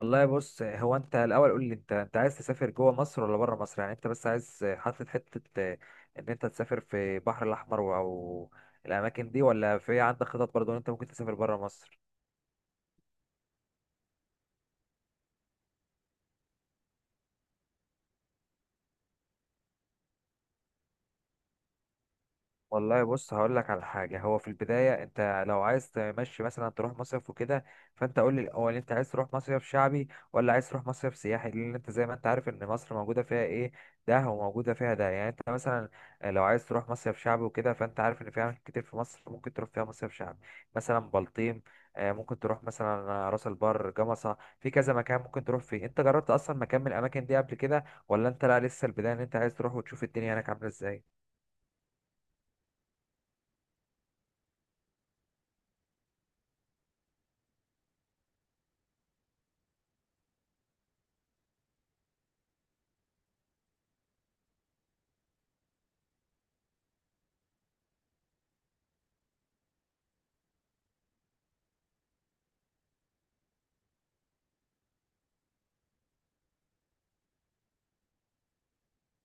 والله بص، هو انت الاول قول لي، انت عايز تسافر جوه مصر ولا بره مصر؟ يعني انت بس عايز حاطط حته ان انت تسافر في البحر الاحمر او الاماكن دي، ولا في عندك خطط برضه ان انت ممكن تسافر بره مصر؟ والله بص، هقول لك على حاجه. هو في البدايه انت لو عايز تمشي مثلا تروح مصيف وكده، فانت قول لي الاول، انت عايز تروح مصيف شعبي ولا عايز تروح مصيف سياحي؟ لان انت زي ما انت عارف ان مصر موجوده فيها ايه، ده وموجوده فيها ده. يعني انت مثلا لو عايز تروح مصيف شعبي وكده، فانت عارف ان في اماكن كتير في مصر ممكن تروح فيها مصيف شعبي. مثلا بلطيم، ممكن تروح مثلا راس البر، جمصة، في كذا مكان ممكن تروح فيه. انت جربت اصلا مكان من الاماكن دي قبل كده، ولا انت لا لسه البدايه ان انت عايز تروح وتشوف الدنيا هناك عامله ازاي؟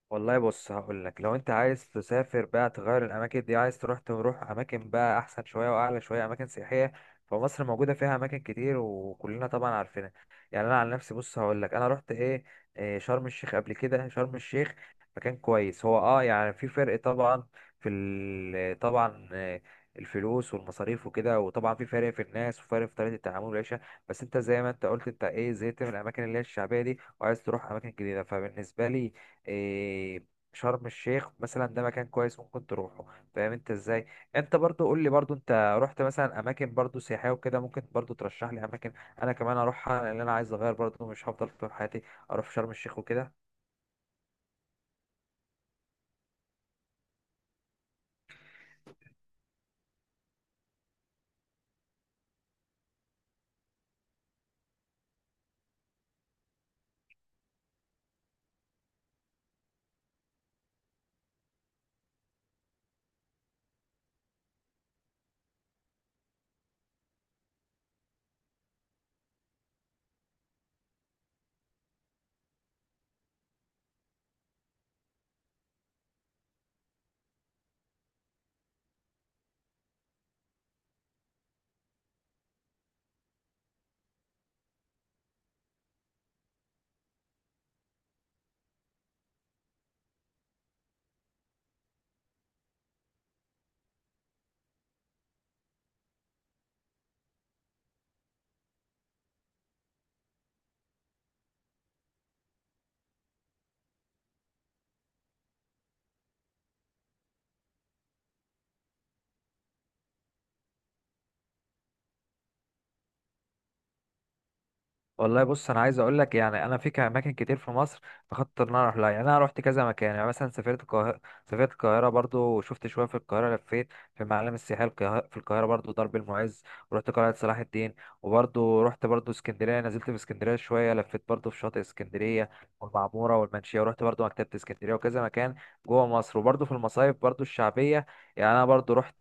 والله بص، هقول لك، لو انت عايز تسافر بقى تغير الاماكن دي، عايز تروح اماكن بقى احسن شويه واعلى شويه، اماكن سياحيه. فمصر موجوده فيها اماكن كتير وكلنا طبعا عارفينها. يعني انا عن نفسي بص هقول لك، انا رحت ايه. شرم الشيخ، قبل كده شرم الشيخ مكان كويس. هو يعني في فرق طبعا، طبعا الفلوس والمصاريف وكده، وطبعا في فرق في الناس وفرق في طريقه التعامل والعيشه. بس انت زي ما انت قلت، انت ايه، زهقت من الاماكن اللي هي الشعبيه دي وعايز تروح اماكن جديده. فبالنسبه لي إيه شرم الشيخ مثلا ده مكان كويس ممكن تروحه. فاهم انت ازاي؟ انت برضو قول لي، برضو انت رحت مثلا اماكن برضو سياحيه وكده ممكن برضو ترشح لي اماكن انا كمان اروحها، لان انا عايز اغير برضو، مش هفضل طول حياتي اروح شرم الشيخ وكده. والله بص، انا عايز اقول لك، يعني انا اماكن كتير في مصر بخطط ان انا اروح لها. يعني انا رحت كذا مكان، يعني مثلا سافرت القاهره برضو، وشفت شويه في القاهره، لفيت في المعالم السياحيه في القاهره برضو، درب المعز، ورحت قلعه صلاح الدين. وبرضو رحت برضو اسكندريه، نزلت في اسكندريه شويه، لفيت برضو في شاطئ اسكندريه والمعموره والمنشيه، ورحت برضو مكتبه اسكندريه وكذا مكان جوه مصر. وبرضو في المصايف برضو الشعبيه، يعني انا برضو رحت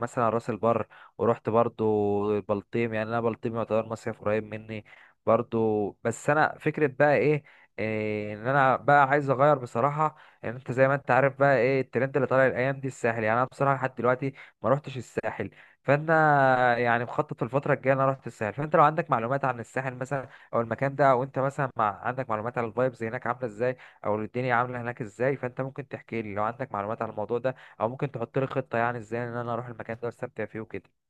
مثلا راس البر، ورحت برضو البلطيم. يعني انا بلطيم يعتبر مصيف قريب مني برضو. بس انا فكره بقى ايه، ان انا بقى عايز اغير بصراحه. ان انت زي ما انت عارف بقى ايه الترند اللي طالع الايام دي، الساحل. يعني انا بصراحه لحد دلوقتي ما روحتش الساحل، فانا يعني مخطط في الفتره الجايه إن انا اروح الساحل. فانت لو عندك معلومات عن الساحل مثلا او المكان ده، او انت مثلا مع عندك معلومات عن الفايبز هناك عامله ازاي او الدنيا عامله هناك ازاي، فانت ممكن تحكي لي لو عندك معلومات عن الموضوع ده، او ممكن تحط لي خطه يعني ازاي ان انا اروح المكان ده واستمتع فيه وكده.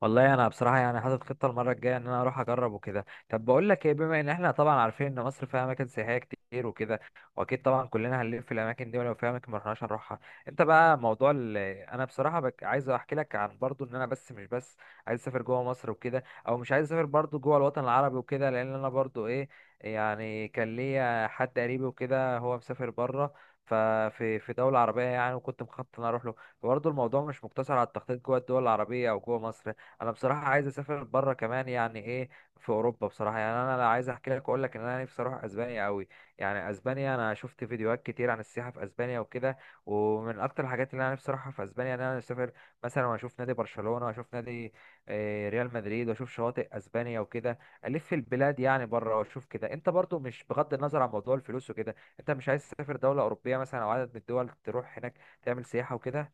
والله انا بصراحه يعني حاطط خطه المره الجايه ان انا اروح اجرب وكده. طب بقول لك ايه، بما ان احنا طبعا عارفين ان مصر فيها اماكن سياحيه كتير وكده، واكيد طبعا كلنا هنلف في الاماكن دي، ولو في اماكن ما رحناش هنروحها. انت بقى موضوع انا بصراحه عايز احكي لك عن برضو ان انا بس، مش بس عايز اسافر جوه مصر وكده، او مش عايز اسافر برضو جوه الوطن العربي وكده. لان انا برضو ايه، يعني كان ليا حد قريبي وكده هو مسافر بره، ففي دولة عربية يعني، وكنت مخطط ان أنا اروح له. برضه الموضوع مش مقتصر على التخطيط جوه الدول العربية او جوه مصر. انا بصراحه عايز اسافر بره كمان، يعني ايه، في اوروبا. بصراحه يعني انا لا عايز احكي لك واقول لك ان انا نفسي اروح اسبانيا قوي. يعني اسبانيا، انا شفت فيديوهات كتير عن السياحه في اسبانيا وكده. ومن اكتر الحاجات اللي انا نفسي اروحها في اسبانيا ان انا اسافر مثلا واشوف نادي برشلونه، واشوف نادي ريال مدريد، واشوف شواطئ اسبانيا وكده. الف البلاد يعني بره واشوف كده. انت برضو مش، بغض النظر عن موضوع الفلوس وكده، انت مش عايز تسافر دوله اوروبيه مثلا او عدد من الدول تروح هناك تعمل سياحه وكده؟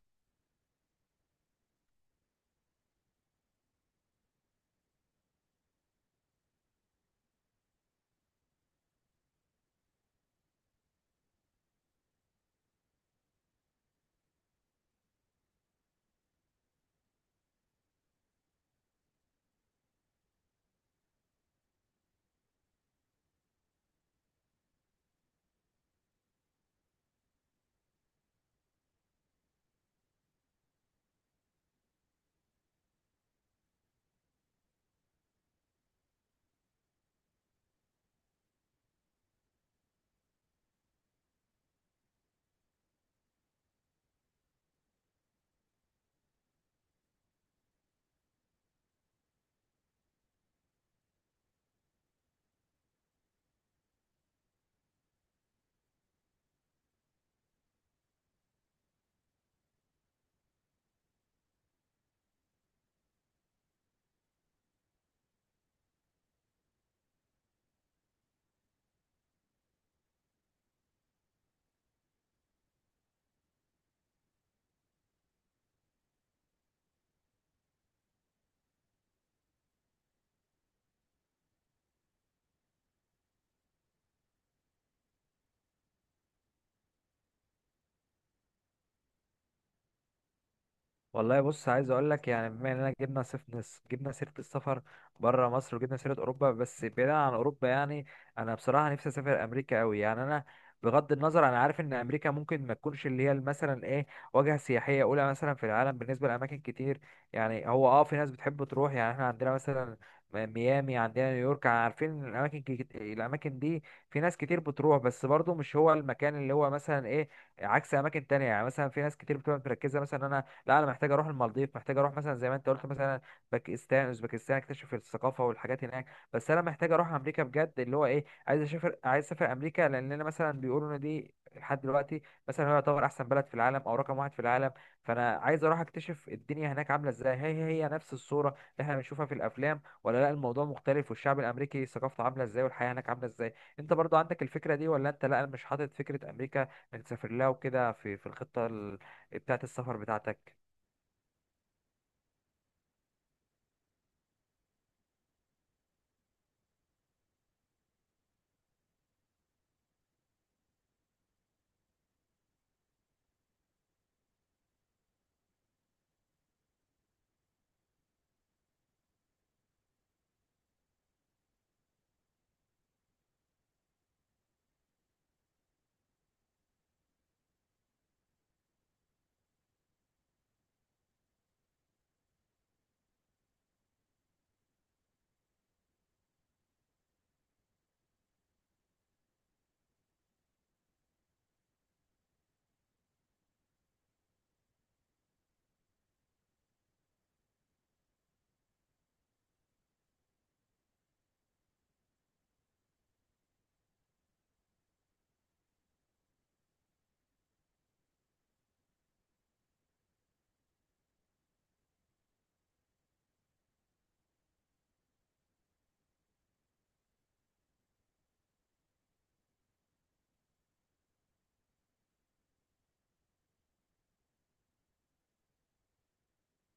والله بص، عايز اقول لك، يعني بما اننا جبنا سيره السفر بره مصر وجبنا سيره اوروبا، بس بعيدا عن اوروبا يعني انا بصراحه نفسي اسافر امريكا قوي. يعني انا بغض النظر، انا عارف ان امريكا ممكن ما تكونش اللي هي مثلا ايه، واجهه سياحيه اولى مثلا في العالم بالنسبه لاماكن كتير. يعني هو في ناس بتحب تروح، يعني احنا عندنا مثلا ميامي، عندنا نيويورك، عارفين إن الاماكن الاماكن دي في ناس كتير بتروح، بس برضو مش هو المكان اللي هو مثلا ايه، عكس اماكن تانية. يعني مثلا في ناس كتير بتبقى مركزه، مثلا انا لا انا محتاج اروح المالديف، محتاج اروح مثلا زي ما انت قلت مثلا باكستان، اوزبكستان، اكتشف الثقافه والحاجات هناك. بس انا محتاج اروح امريكا بجد، اللي هو ايه، عايز اسافر امريكا. لان انا مثلا بيقولوا ان دي لحد دلوقتي مثلا هو يعتبر احسن بلد في العالم او رقم واحد في العالم. فانا عايز اروح اكتشف الدنيا هناك عامله ازاي، هي نفس الصوره اللي احنا بنشوفها في الافلام، ولا لا الموضوع مختلف، والشعب الامريكي ثقافته عامله ازاي، والحياه هناك عامله ازاي. انت برضو عندك الفكره دي ولا انت لا مش حاطط فكره امريكا انك تسافر لها وكده في الخطه بتاعت السفر بتاعتك؟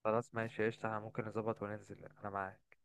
خلاص ماشي قشطة، احنا ممكن نظبط وننزل. انا معاك.